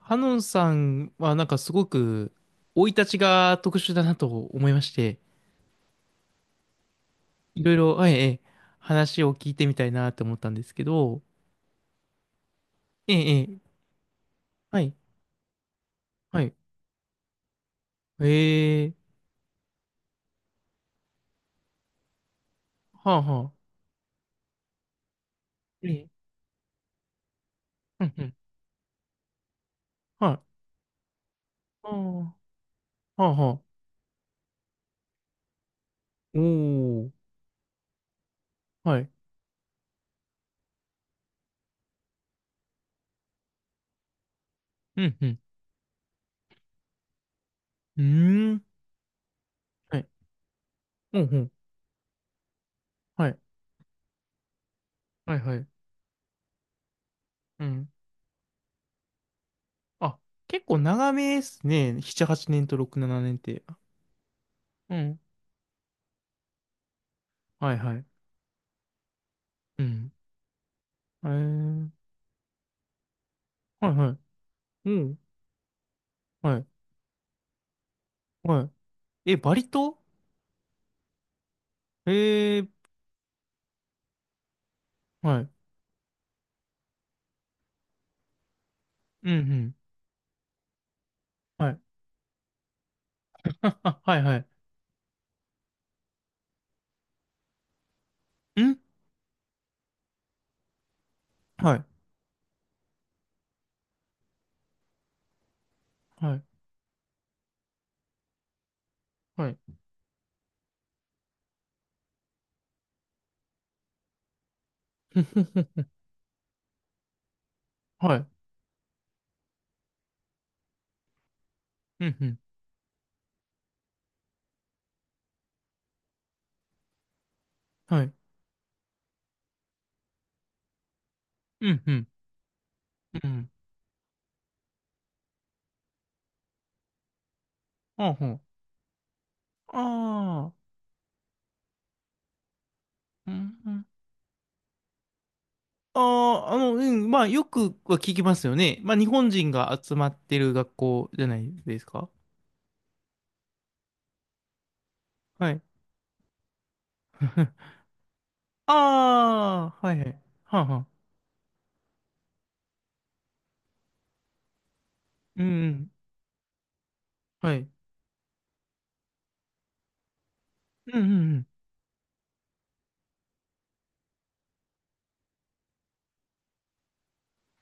ハノンさんはなんかすごく生い立ちが特殊だなと思いまして、いろいろ、はい、ええ、話を聞いてみたいなって思ったんですけど。ええ、ええ。はい、はい。ええ。はあはあ。ええ。うんうん。はい。ああ。はあはあ。おー。はい。うん、うん。うーん。はい。うん、うん。はい、はい。はい。うん。あ、結構長めですね。7、8年と6、7年って。うん、はい、はい。うん、ええ。はい、はい。うん。はい。はい。え、バリ島。えー、はい。うん、うん。はい。あははい、はい。んはい。はい。はい。ふふふ。はい。うん、うん。はい。うん、うん。うん。あほん。ああ。うん、うん。ああ、うん。まあ、よくは聞きますよね。まあ、日本人が集まってる学校じゃないですか。はい。ああ、はいはい。はあはあ。うんうん。はい。うんうんうん。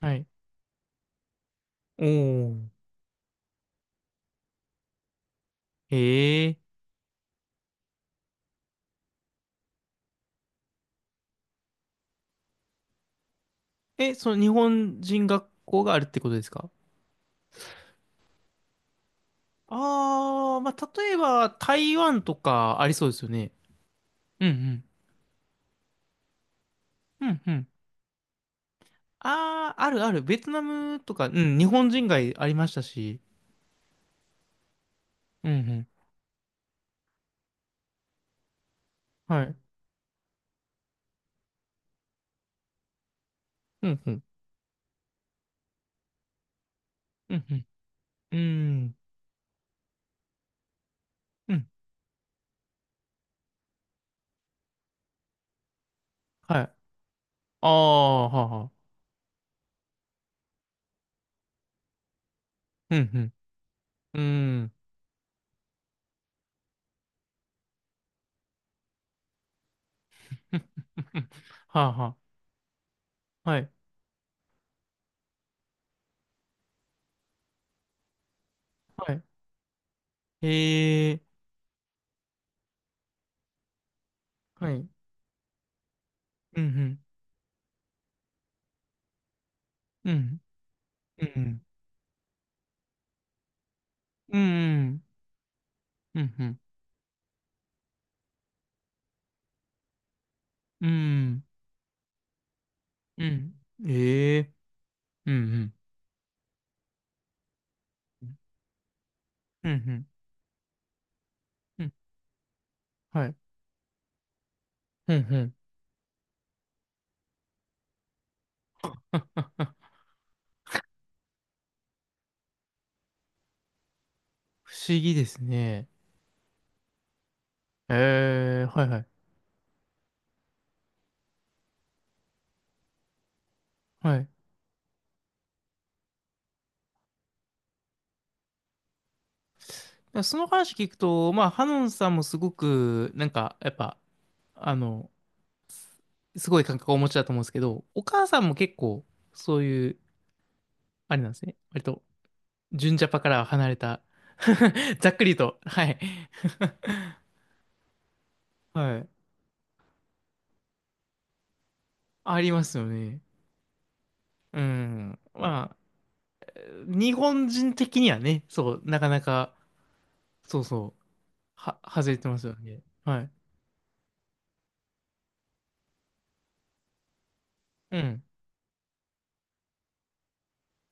はい。おー。へえ。え、その日本人学校があるってことですか？ああー、まあ、例えば台湾とかありそうですよね。うんうん。うんうん。ああ、あるある。ベトナムとか、うん、日本人街ありましたし。うん。うんうん。はい。うんうん。うんうん。うん。うん。はい。ああ、はあはあ。うん、うん。うん。はあはあ。はい。はい。へえ。はい。うん、うん。うん、うん。うん、うん。うんうん、うんうん。うんうんうん。ええ。うんうん。うんうんうん。はい。うんうん。不思議ですね。ええ、はいはい。はい。だその話聞くと、まあ、ハノンさんもすごく、なんか、やっぱ、あの、すごい感覚をお持ちだと思うんですけど、お母さんも結構、そういう、あれなんですね。割と、純ジャパからは離れた。 ざっくりと、はい。はい。ありますよね。うん。まあ、日本人的にはね、そう、なかなか、そうそう。は、外れてますよね。はい。うん。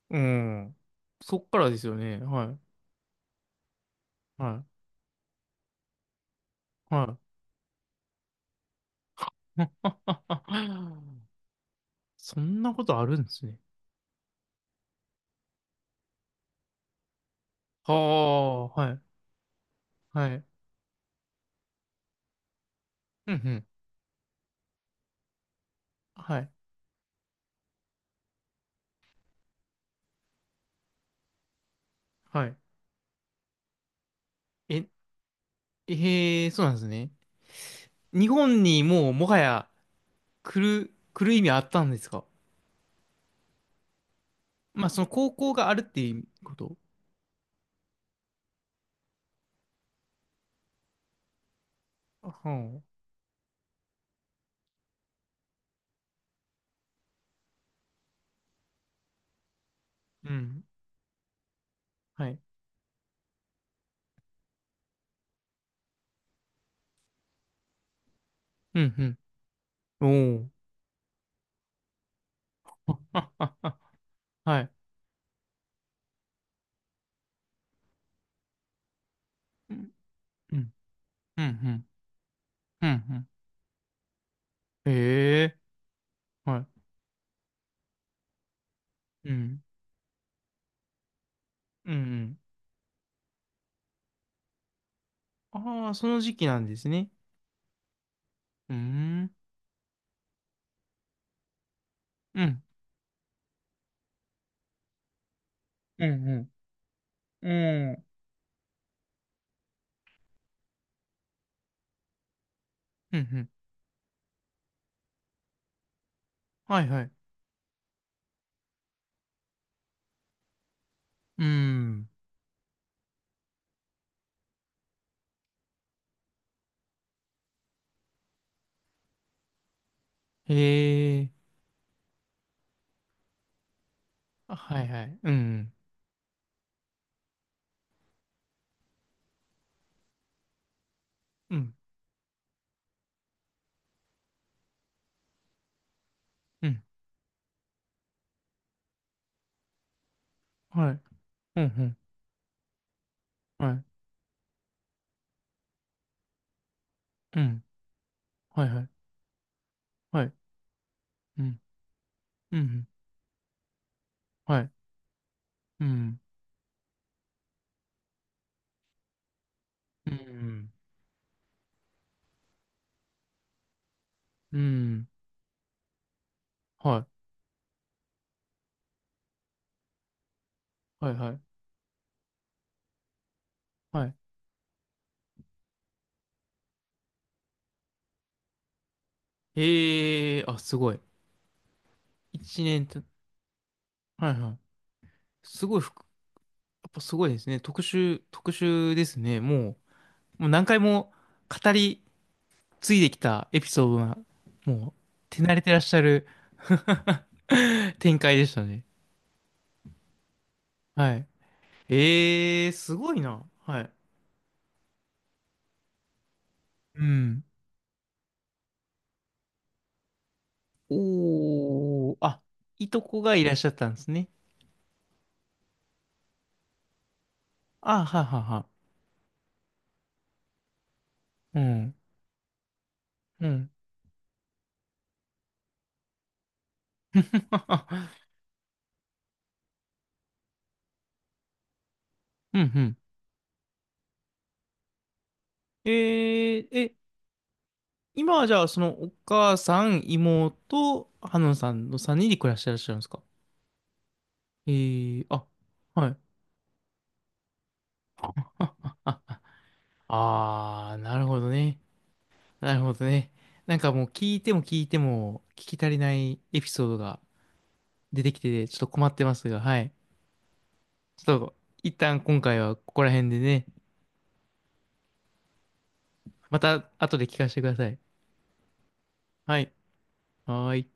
うん。そっからですよね。はい。はい。はい。そんなことあるんですね。はあ、はい。はい。うんうん。はい。はい。え、えー、そうなんですね。日本にもうもはや来る、来る意味あったんですか？まあ、その高校があるっていうこと。あはあ。うん。はい。うんうん。おお。あ、あ、はい。うんうん。うんうん。うんうん。へえ。はい。うん。うん、うん。ああ、その時期なんですね。うーん。うん。うん、うん。うん。うん、うん。はい、はい。うん。へえ。あはい、はい。うん。うん。うん。はい。うん、うん。はい。うん。はい、はい。はい。うん。うん。はい。うん。うん。うん。はい。はい、はい。はい。へえ。あ、すごい。一年と、はい、はい。すごい、ふくやっぱすごいですね。特殊、特殊ですね。もう。もう何回も語り継いできたエピソードが、もう手慣れてらっしゃる。 展開でしたね。はい。えー、すごいな。はい。うん。おー、あ、いとこがいらっしゃったんですね。あ、ははは。うん。うん。うんうん。えー、え、今はじゃあ、そのお母さん、妹、ハノンさんの3人で暮らしてらっしゃるんですか？えー、あ、はい。あ、あー、なるほどね。なるほどね。なんかもう聞いても聞いても聞き足りないエピソードが出てきてちょっと困ってますが、はい。ちょっと一旦今回はここら辺でね、また後で聞かせてください。はい。はーい。